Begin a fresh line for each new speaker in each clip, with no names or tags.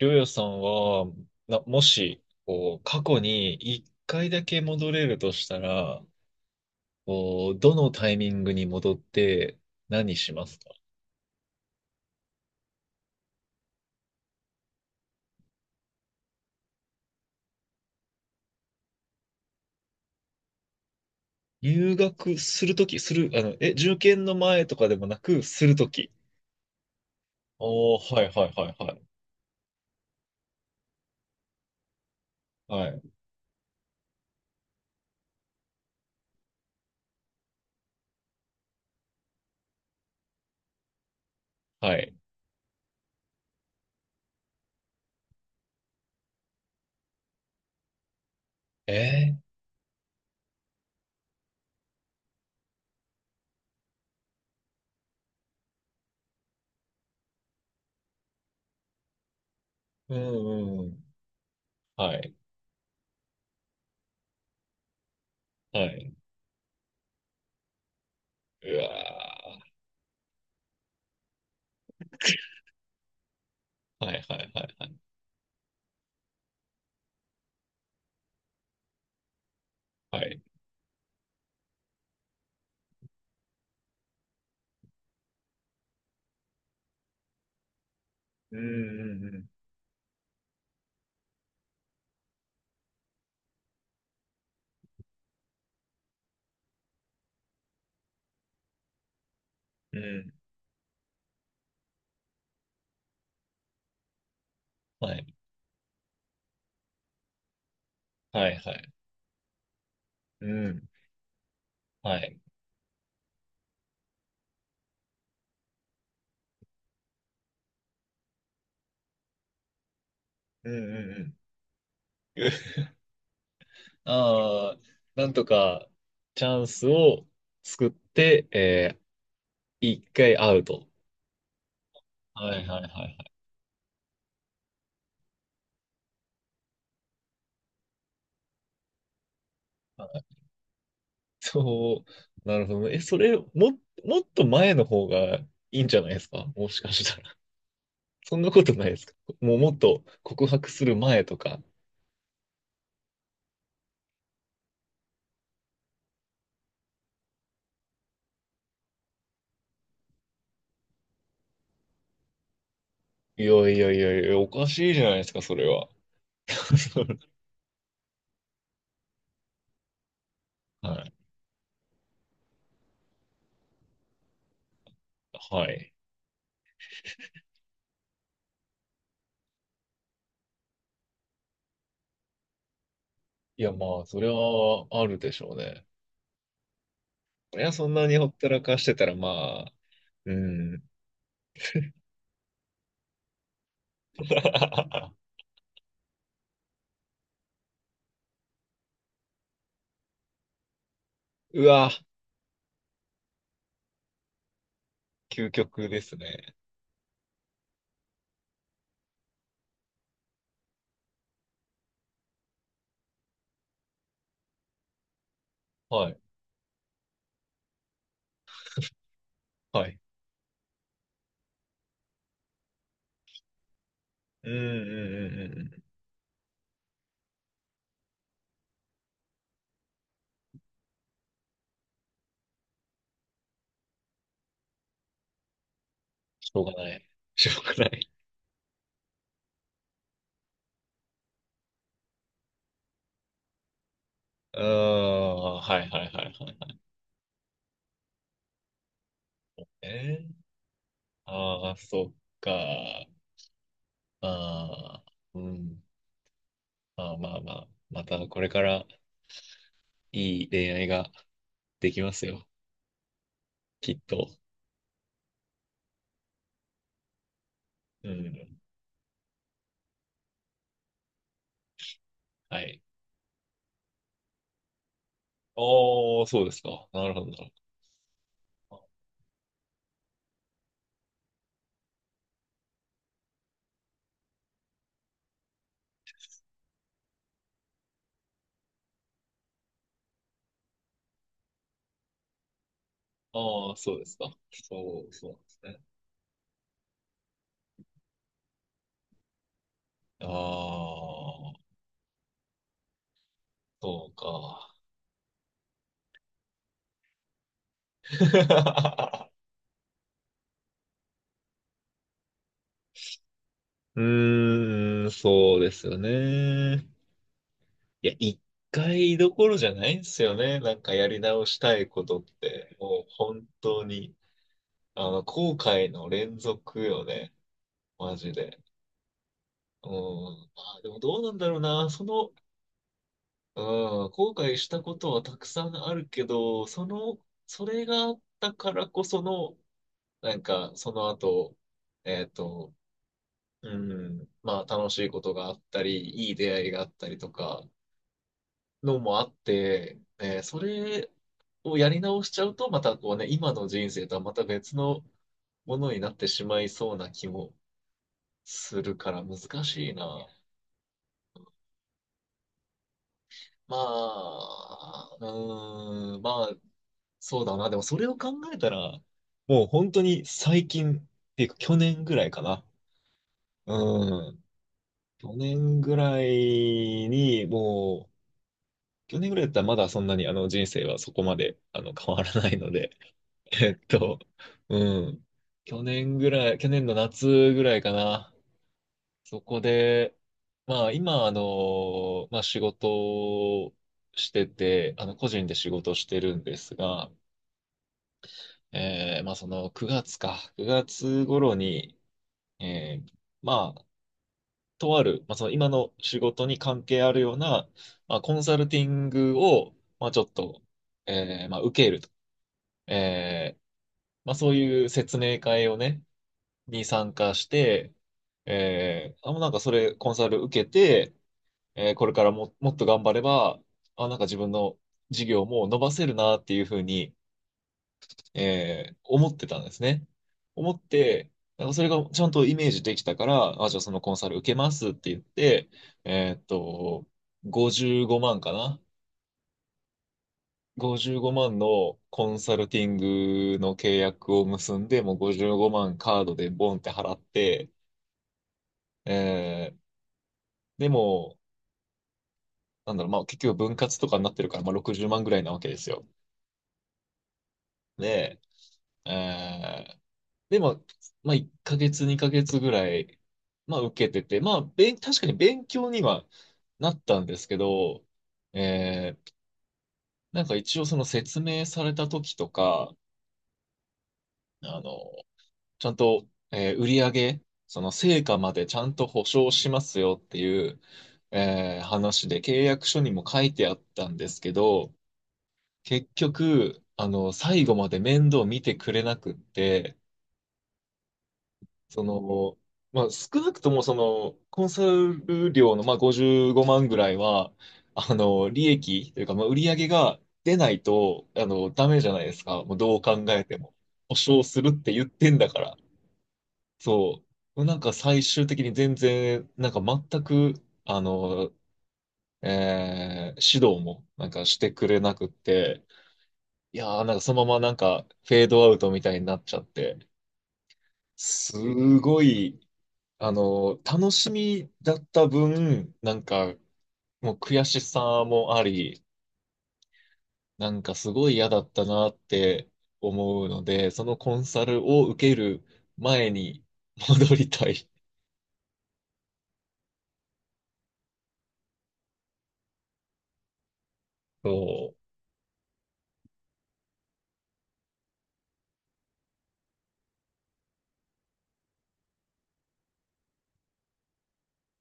りょうやさんは、もし、こう、過去に一回だけ戻れるとしたら、こう、どのタイミングに戻って何しますか？入学するとき、する、あの、え、受験の前とかでもなく、するとき。おー、はいはいはいはい。はい、はい。えうんうんうん。はい、はい。うわー。はいはいはいはい。はい。うんうんうん。うん。はい、はいはい。うん。はい。うんうんうん。ああ、なんとかチャンスを作って、一回アウト。はいはいはいはい。そう、なるほどね。え、それ、も、もっと前の方がいいんじゃないですかもしかしたら。そんなことないですか？もうもっと告白する前とか。いやいやいやいや、おかしいじゃないですか、それは。はい。はい。いや、まあ、それはあるでしょうね。いや、そんなにほったらかしてたら、まあ、うん。うわ、究極ですね。はい。はい。うんうんうんうんうん。しょうがない。しょうがない。うーん。はいはいはいはいはい。えー、ああ、そっか。ああ、うん。まあまあまあ。またこれからいい恋愛ができますよ。きっと。うん。はい。ああ、そうですか。なるほどなるほど。ああ、そうですか。そう、そうですね。ああ、そうか。うーん、そうですよね。いや、一回どころじゃないんですよね。なんかやり直したいことって、もう本当に、後悔の連続よね。マジで。うん。まあ、でもどうなんだろうな。うん、後悔したことはたくさんあるけど、それがあったからこその、なんか、その後、えっと、うん、まあ、楽しいことがあったり、いい出会いがあったりとか、のもあって、それをやり直しちゃうと、またこうね、今の人生とはまた別のものになってしまいそうな気もするから難しいな。まあ、うーん、まあ、そうだな。でもそれを考えたら、もう本当に最近っていうか去年ぐらいかな。うん。去年ぐらいに、もう、去年ぐらいだったらまだそんなに人生はそこまで変わらないので、えっと、うん。去年ぐらい、去年の夏ぐらいかな。そこで、まあ今、まあ仕事をしてて、個人で仕事してるんですが、まあその9月か、9月頃に、えーまあ、とある、まあその今の仕事に関係あるような、まあコンサルティングを、まあちょっと、まあ受けると。えーまあそういう説明会をね、に参加して、あ、もうなんかそれコンサル受けて、これからも、もっと頑張れば、あ、なんか自分の事業も伸ばせるなっていうふうに、思ってたんですね。思って、なんかそれがちゃんとイメージできたから、あ、じゃあそのコンサル受けますって言って、えーっと、55万かな。55万のコンサルティングの契約を結んで、もう55万カードでボンって払って、えーでも、なんだろう、まあ結局分割とかになってるから、まあ60万ぐらいなわけですよ。で、えー、まあ、まあ1ヶ月、2ヶ月ぐらい、まあ受けてて、まあ、確かに勉強にはなったんですけど、えー、なんか一応その説明された時とか、あの、ちゃんと、売り上げ、その成果までちゃんと保証しますよっていう、話で契約書にも書いてあったんですけど、結局、最後まで面倒見てくれなくって、その、まあ、少なくともその、コンサル料の、まあ、55万ぐらいは、利益というか、まあ、売り上げが出ないと、ダメじゃないですか。もうどう考えても。保証するって言ってんだから。そう。なんか最終的に全然、なんか全く、あの、指導もなんかしてくれなくって、いやー、なんかそのままなんかフェードアウトみたいになっちゃって、すごい、あの楽しみだった分、なんかもう悔しさもあり、なんかすごい嫌だったなって思うので、そのコンサルを受ける前に戻りたい。そ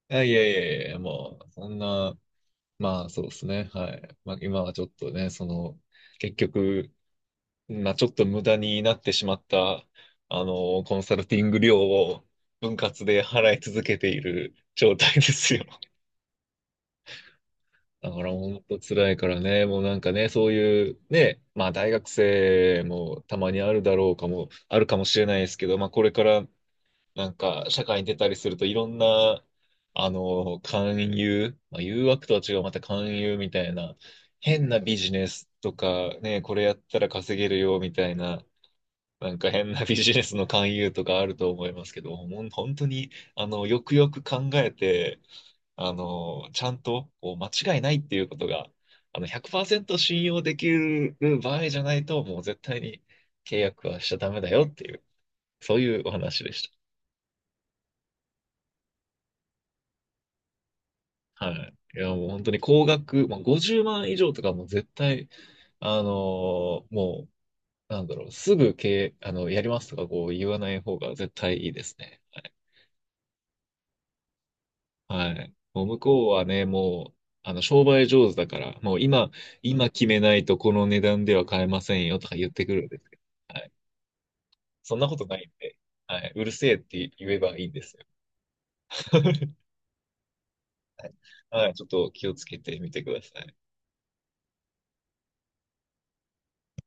う。いやいやいやいや、もう、そんな、まあそうですね。はい。まあ今はちょっとね、結局、まあ、ちょっと無駄になってしまった、コンサルティング料を分割で払い続けている状態ですよ。だから本当辛いからね、もうなんかね、そういうね、まあ大学生もたまにあるだろうかも、あるかもしれないですけど、まあこれからなんか社会に出たりするといろんな、勧誘、まあ誘惑とは違う、また勧誘みたいな、変なビジネスとかね、これやったら稼げるよみたいな、なんか変なビジネスの勧誘とかあると思いますけど、本当に、よくよく考えて、ちゃんとこう間違いないっていうことが、100%信用できる場合じゃないと、もう絶対に契約はしちゃダメだよっていう、そういうお話でした。はい。いや、もう本当に高額、まあ、50万以上とかもう絶対、もう、なんだろう、すぐ契、あの、やりますとかこう言わない方が絶対いいですね。はい。もう向こうはね、もう、商売上手だから、もう今、今決めないとこの値段では買えませんよとか言ってくるんですけど、はい。そんなことないんで、はい。うるせえって言えばいいんですよ。はい。ちょっと気をつけてみてください。